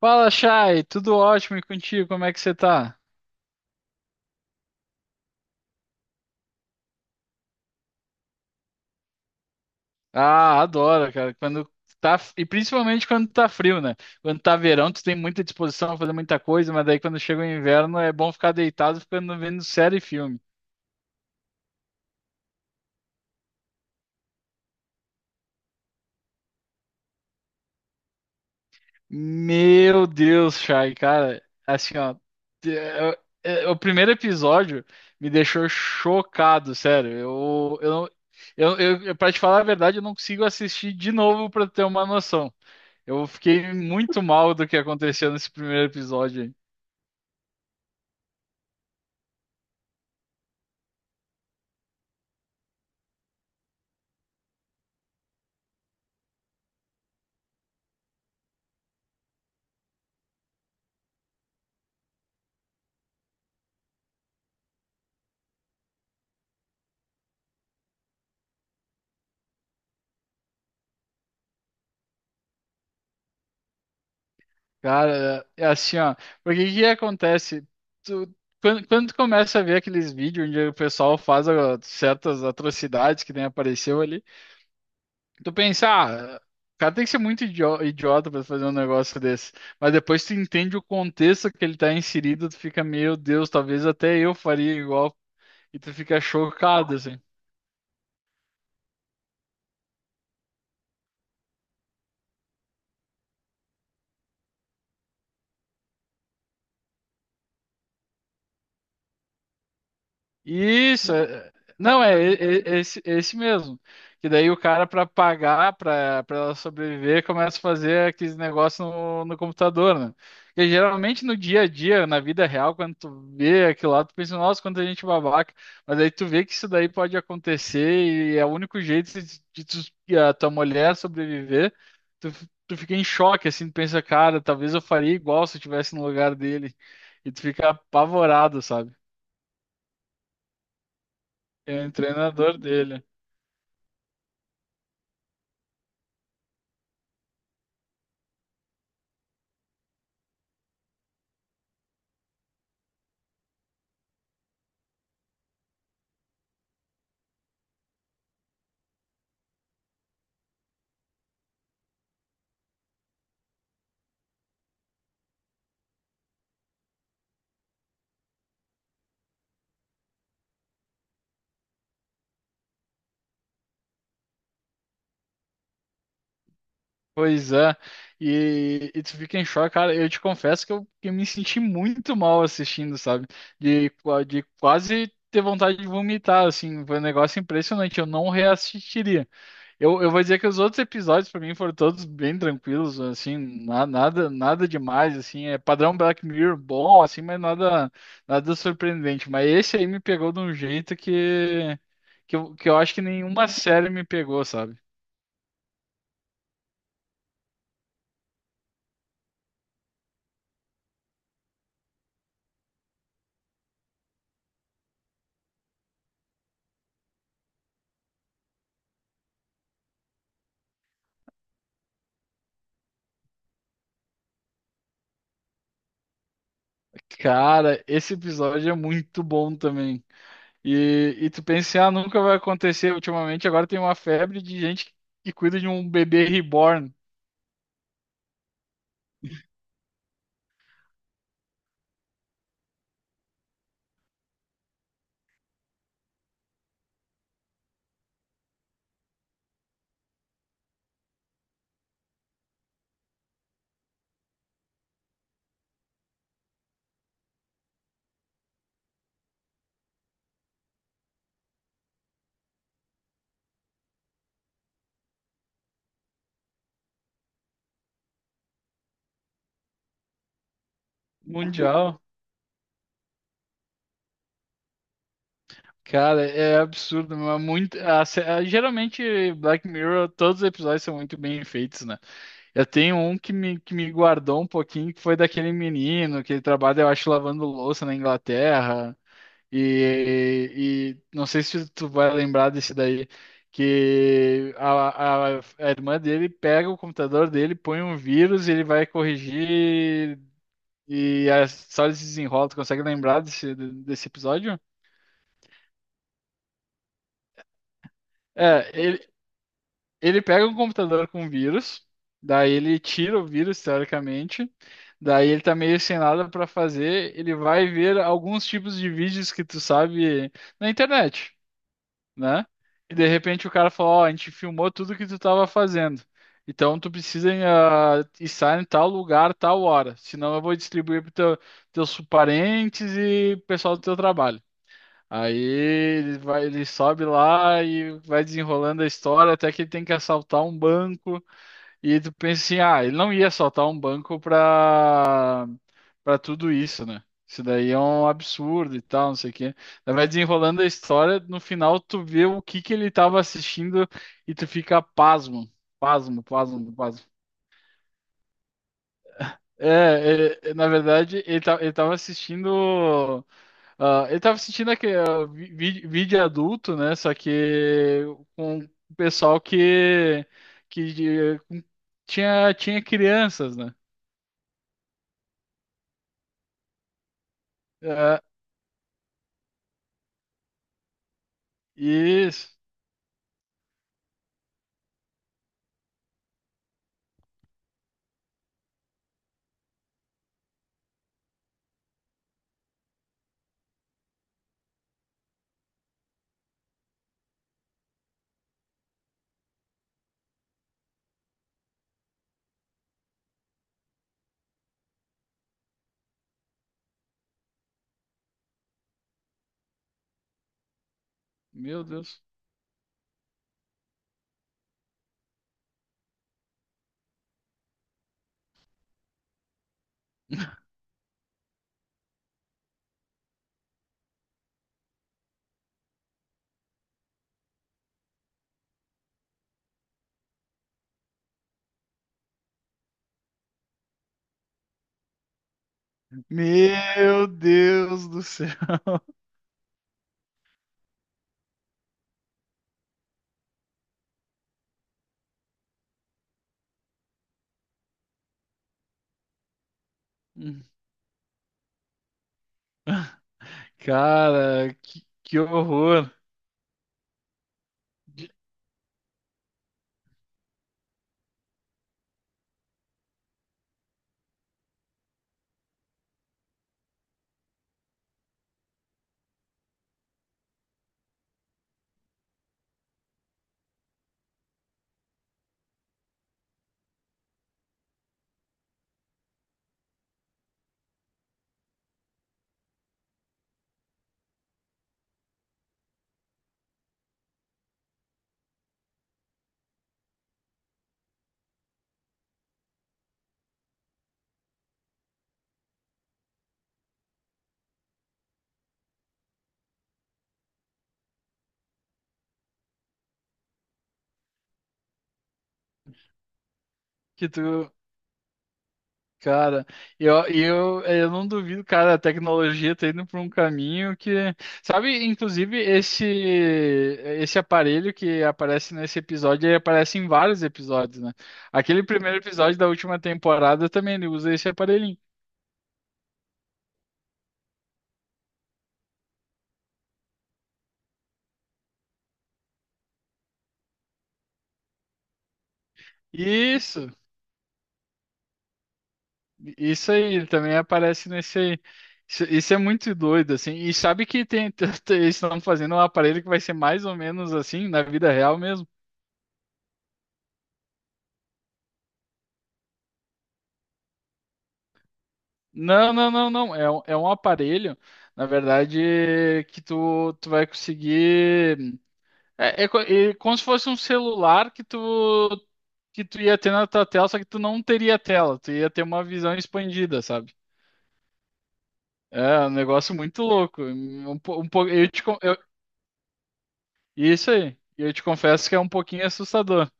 Fala, Chay, tudo ótimo e contigo? Como é que você tá? Ah, adoro, cara. Quando tá, e principalmente quando tá frio, né? Quando tá verão, tu tem muita disposição a fazer muita coisa, mas daí quando chega o inverno é bom ficar deitado, ficando vendo série e filme. Meu Deus, Chay, cara, assim, ó, é- o primeiro episódio me deixou chocado, sério. Eu, não- eu- pra te falar a verdade, eu não consigo assistir de novo pra ter uma noção. Eu fiquei muito mal do que aconteceu nesse primeiro episódio. Aí. Cara, é assim, ó, porque o que acontece? Tu, quando tu começa a ver aqueles vídeos onde o pessoal faz ó, certas atrocidades que nem apareceu ali. Tu pensar, ah, cara tem que ser muito idiota pra fazer um negócio desse. Mas depois tu entende o contexto que ele tá inserido, tu fica, meu Deus, talvez até eu faria igual. E tu fica chocado, assim. Isso, é- não, é, é- é é esse mesmo. Que daí o cara, para pagar, para ela sobreviver, começa a fazer aqueles negócios no computador, né? Porque geralmente no dia a dia, na vida real, quando tu vê aquilo lá, tu pensa, nossa, quanta gente babaca. Mas aí tu vê que isso daí pode acontecer e é o único jeito de a tua mulher sobreviver. Tu fica em choque, assim, tu pensa, cara, talvez eu faria igual se eu estivesse no lugar dele. E tu fica apavorado, sabe? É o treinador dele. Pois é. E tu fica em choque, cara. Eu te confesso que eu me senti muito mal assistindo, sabe? De quase ter vontade de vomitar, assim. Foi um negócio impressionante. Eu não reassistiria. Eu vou dizer que os outros episódios, pra mim, foram todos bem tranquilos, assim. Nada, nada demais, assim. É padrão Black Mirror bom, assim, mas nada, nada surpreendente. Mas esse aí me pegou de um jeito que eu acho que nenhuma série me pegou, sabe? Cara, esse episódio é muito bom também. E tu pensa, assim, ah, nunca vai acontecer. Ultimamente, agora tem uma febre de gente que cuida de um bebê reborn mundial. Cara, é absurdo, mas muito. Geralmente, Black Mirror, todos os episódios são muito bem feitos, né? Eu tenho um que me guardou um pouquinho, que foi daquele menino que ele trabalha, eu acho, lavando louça na Inglaterra. E não sei se tu vai lembrar desse daí, que a irmã dele pega o computador dele, põe um vírus e ele vai corrigir e a história se desenrola. Tu consegue lembrar desse episódio? É, ele, ele pega um computador com vírus, daí ele tira o vírus, teoricamente, daí ele tá meio sem nada pra fazer, ele vai ver alguns tipos de vídeos que tu sabe na internet. Né? E de repente o cara falou, ó, a gente filmou tudo que tu tava fazendo. Então tu precisa estar em tal lugar, tal hora. Senão eu vou distribuir para teus parentes e pessoal do teu trabalho. Aí ele vai, ele sobe lá e vai desenrolando a história até que ele tem que assaltar um banco. E tu pensa assim, ah, ele não ia soltar um banco pra tudo isso, né? Isso daí é um absurdo e tal, não sei o quê. Daí vai desenrolando a história, no final tu vê o que que ele tava assistindo e tu fica pasmo, pasmo, pasmo, pasmo. É, na verdade, ele tava assistindo. Ah, ele tava assistindo aquele, ah, vídeo adulto, né? Só que com o pessoal que tinha, tinha crianças, né? É, isso. Meu Deus. Meu Deus do céu. Cara, que horror. De- Que tu, cara, eu não duvido, cara, a tecnologia tá indo por um caminho que, sabe, inclusive esse aparelho que aparece nesse episódio, ele aparece em vários episódios, né? Aquele primeiro episódio da última temporada também ele usa esse aparelhinho. Isso. Isso aí, ele também aparece nesse aí. Isso é muito doido, assim. E sabe que tem, eles estão fazendo um aparelho que vai ser mais ou menos assim, na vida real mesmo. Não, não, não, não. É um aparelho, na verdade, tu vai conseguir. É como se fosse um celular que tu ia ter na tua tela, só que tu não teria tela, tu ia ter uma visão expandida, sabe? É um negócio muito louco. Isso aí. E eu te confesso que é um pouquinho assustador.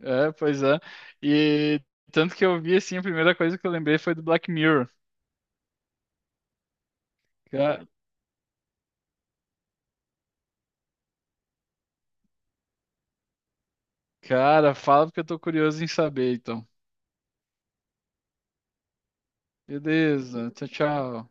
É, pois é. E tanto que eu vi assim, a primeira coisa que eu lembrei foi do Black Mirror. Ca- Cara, fala porque eu tô curioso em saber, então. Beleza, tchau, tchau.